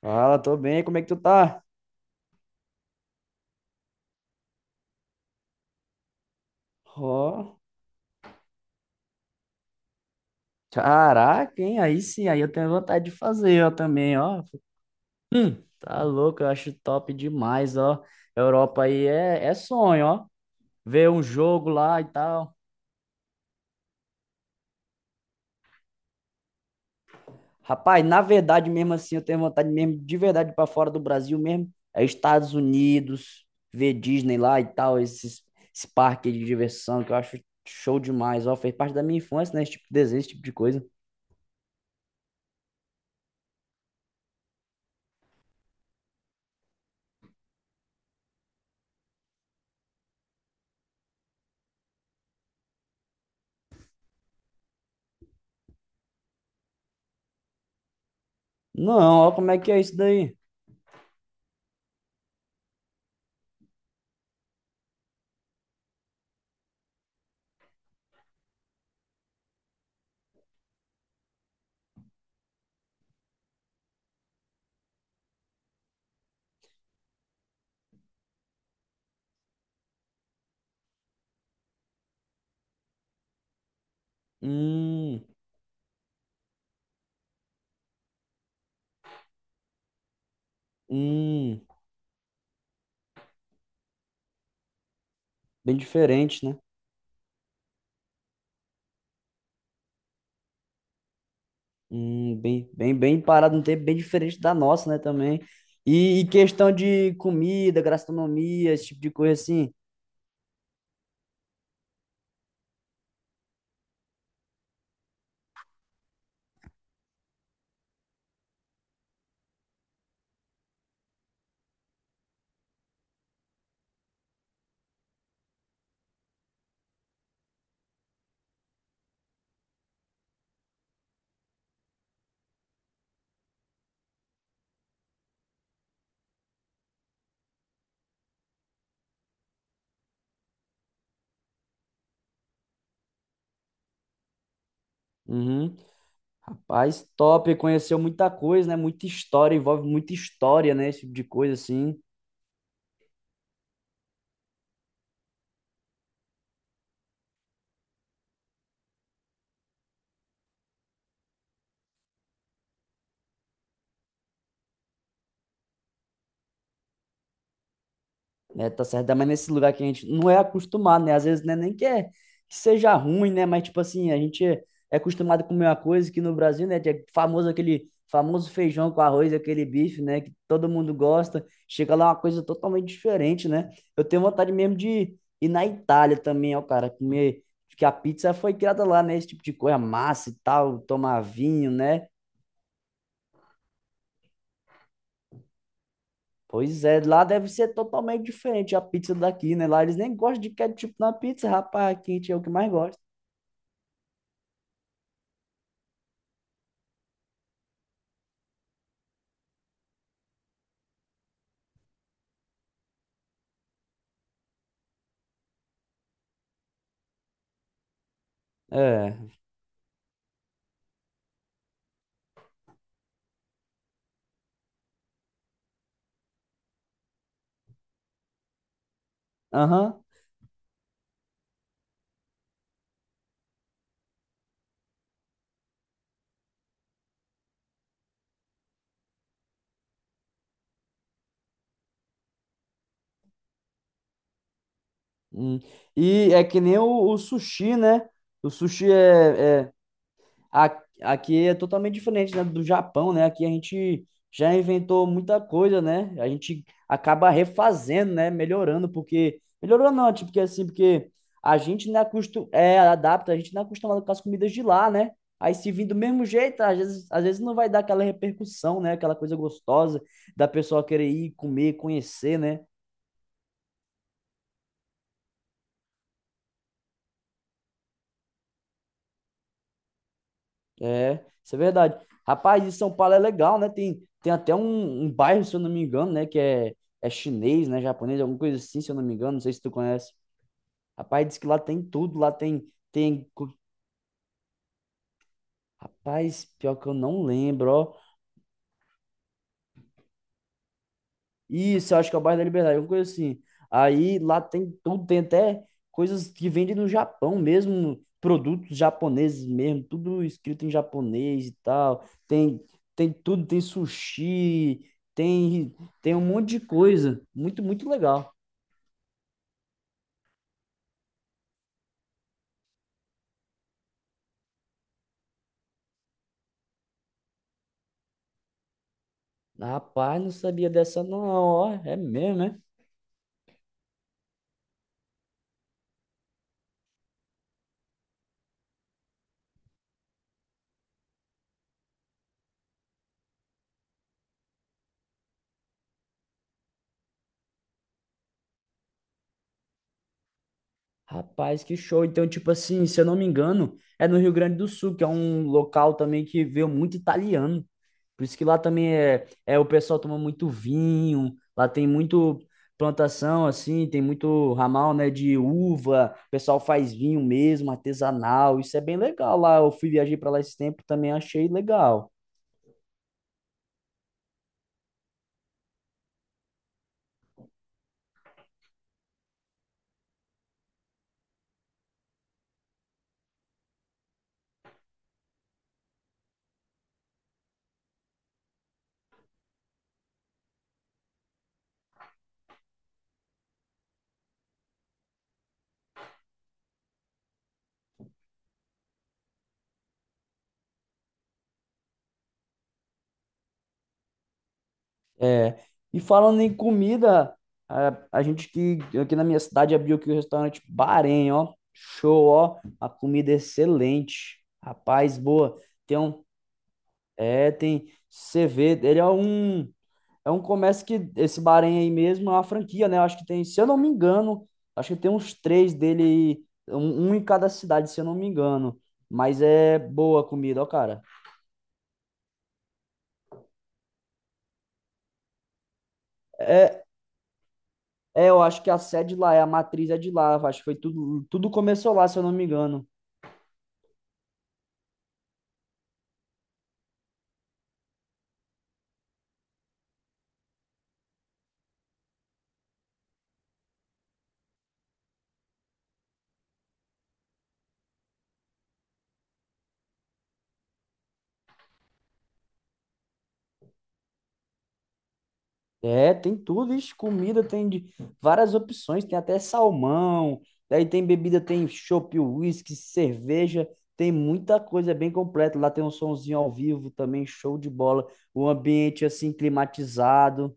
Fala, tô bem, como é que tu tá? Ó, caraca, hein? Aí sim, aí eu tenho vontade de fazer, ó, também, ó. Tá louco, eu acho top demais, ó. Europa aí é sonho, ó. Ver um jogo lá e tal. Rapaz, na verdade mesmo assim, eu tenho vontade mesmo, de verdade, pra fora do Brasil mesmo. É Estados Unidos, ver Disney lá e tal, esse parque de diversão que eu acho show demais, ó. Fez parte da minha infância, né? Esse tipo de desenho, esse tipo de coisa. Não, ó, como é que é isso daí? Hum, hum, bem diferente, né? Bem parado no tempo, bem diferente da nossa, né, também. E questão de comida, gastronomia, esse tipo de coisa assim. Uhum. Rapaz, top, conheceu muita coisa, né? Muita história, envolve muita história, né? Esse tipo de coisa assim. Né? Tá certo, mas nesse lugar que a gente não é acostumado, né? Às vezes né, nem que, é, que seja ruim, né? Mas, tipo assim, a gente é é acostumado a comer uma coisa que no Brasil, né? É famoso aquele famoso feijão com arroz, aquele bife, né? Que todo mundo gosta. Chega lá é uma coisa totalmente diferente, né? Eu tenho vontade mesmo de ir na Itália também, ó, cara, comer. Porque a pizza foi criada lá, né? Esse tipo de coisa, massa e tal, tomar vinho, né? Pois é, lá deve ser totalmente diferente a pizza daqui, né? Lá eles nem gostam de ketchup na pizza, rapaz, quente é o que mais gosta. É, aham. Hum. E é que nem o sushi, né? O sushi é, é A- aqui é totalmente diferente, né, do Japão, né? Aqui a gente já inventou muita coisa, né? A gente acaba refazendo, né? Melhorando, porque. Melhorando não, tipo, porque assim, porque a gente não é, acostu... é adapta, a gente não é acostumado com as comidas de lá, né? Aí se vir do mesmo jeito, às vezes não vai dar aquela repercussão, né? Aquela coisa gostosa da pessoa querer ir comer, conhecer, né? É, isso é verdade. Rapaz, e São Paulo é legal, né? Tem até um bairro, se eu não me engano, né? É chinês, né? Japonês, alguma coisa assim, se eu não me engano. Não sei se tu conhece. Rapaz, diz que lá tem tudo. Lá tem, tem... co- Rapaz, pior que eu não lembro, ó. Isso, eu acho que é o bairro da Liberdade, alguma coisa assim. Aí lá tem tudo, tem até coisas que vendem no Japão mesmo, produtos japoneses mesmo, tudo escrito em japonês e tal. Tem, tem tudo, tem sushi, tem, tem um monte de coisa. Muito legal. Rapaz, não sabia dessa não, ó, é mesmo, né? Rapaz, que show. Então, tipo assim, se eu não me engano, é no Rio Grande do Sul, que é um local também que veio muito italiano. Por isso que lá também é o pessoal toma muito vinho, lá tem muito plantação assim, tem muito ramal, né, de uva, o pessoal faz vinho mesmo, artesanal, isso é bem legal lá. Eu fui viajar para lá esse tempo, também achei legal. É, e falando em comida, a gente que aqui na minha cidade abriu aqui o restaurante Bahrein, ó. Show, ó. A comida é excelente. Rapaz, boa. Tem um. É, tem. Você vê, ele é um. É um comércio que esse Bahrein aí mesmo é uma franquia, né? Eu acho que tem, se eu não me engano, acho que tem uns três dele, aí, um em cada cidade, se eu não me engano. Mas é boa a comida, ó, cara. É, eu acho que a sede lá, é a matriz é de lá. Acho que foi tudo começou lá, se eu não me engano. É, tem tudo, ixi, comida tem de várias opções, tem até salmão, daí tem bebida, tem chopp, whisky, cerveja, tem muita coisa, é bem completo. Lá tem um sonzinho ao vivo também, show de bola, o ambiente assim climatizado.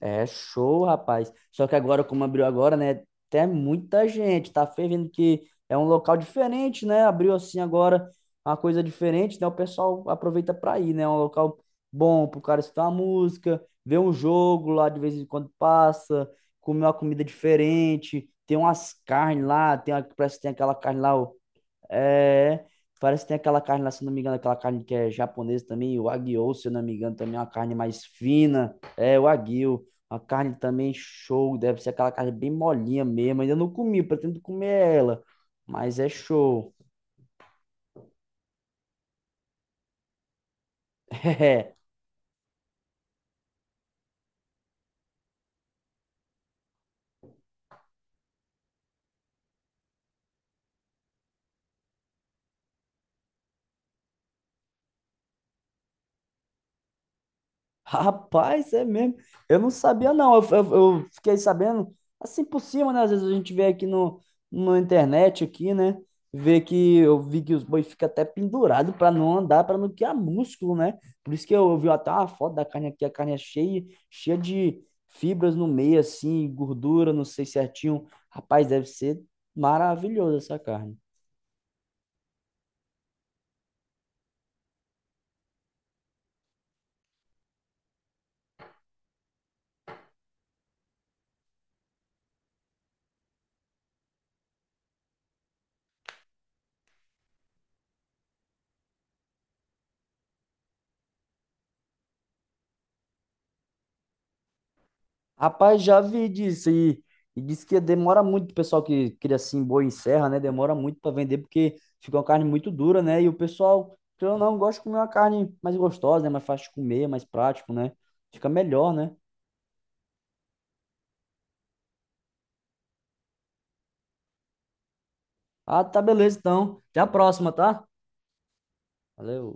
É show, rapaz. Só que agora, como abriu agora, né? Tem muita gente. Tá fervendo que é um local diferente, né? Abriu assim agora uma coisa diferente, né? O pessoal aproveita pra ir, né? É um local bom pro cara escutar uma música, ver um jogo lá de vez em quando passa, comer uma comida diferente. Tem umas carnes lá, tem, uma- parece que tem aquela carne lá, é, parece que tem aquela carne lá, se eu não me engano, aquela carne que é japonesa também, o Wagyu, se eu não me engano, também é uma carne mais fina. É, o Wagyu, uma carne também show, deve ser aquela carne bem molinha mesmo. Ainda não comi, pretendo comer ela, mas é show. Rapaz, é mesmo. Eu não sabia, não. Eu fiquei sabendo assim por cima, né? Às vezes a gente vê aqui no, na internet aqui, né? Vê que eu vi que os boi ficam até pendurado para não andar, para não criar músculo, né? Por isso que eu vi até uma foto da carne aqui, a carne é cheia de fibras no meio, assim, gordura, não sei certinho. Rapaz, deve ser maravilhoso essa carne. Rapaz, já vi disso e disse que demora muito o pessoal que cria assim boi em serra, né? Demora muito para vender porque fica uma carne muito dura, né? E o pessoal, querendo ou não, gosta de comer uma carne mais gostosa, né? Mais fácil de comer, mais prático, né? Fica melhor, né? Ah, tá beleza então. Até a próxima, tá? Valeu.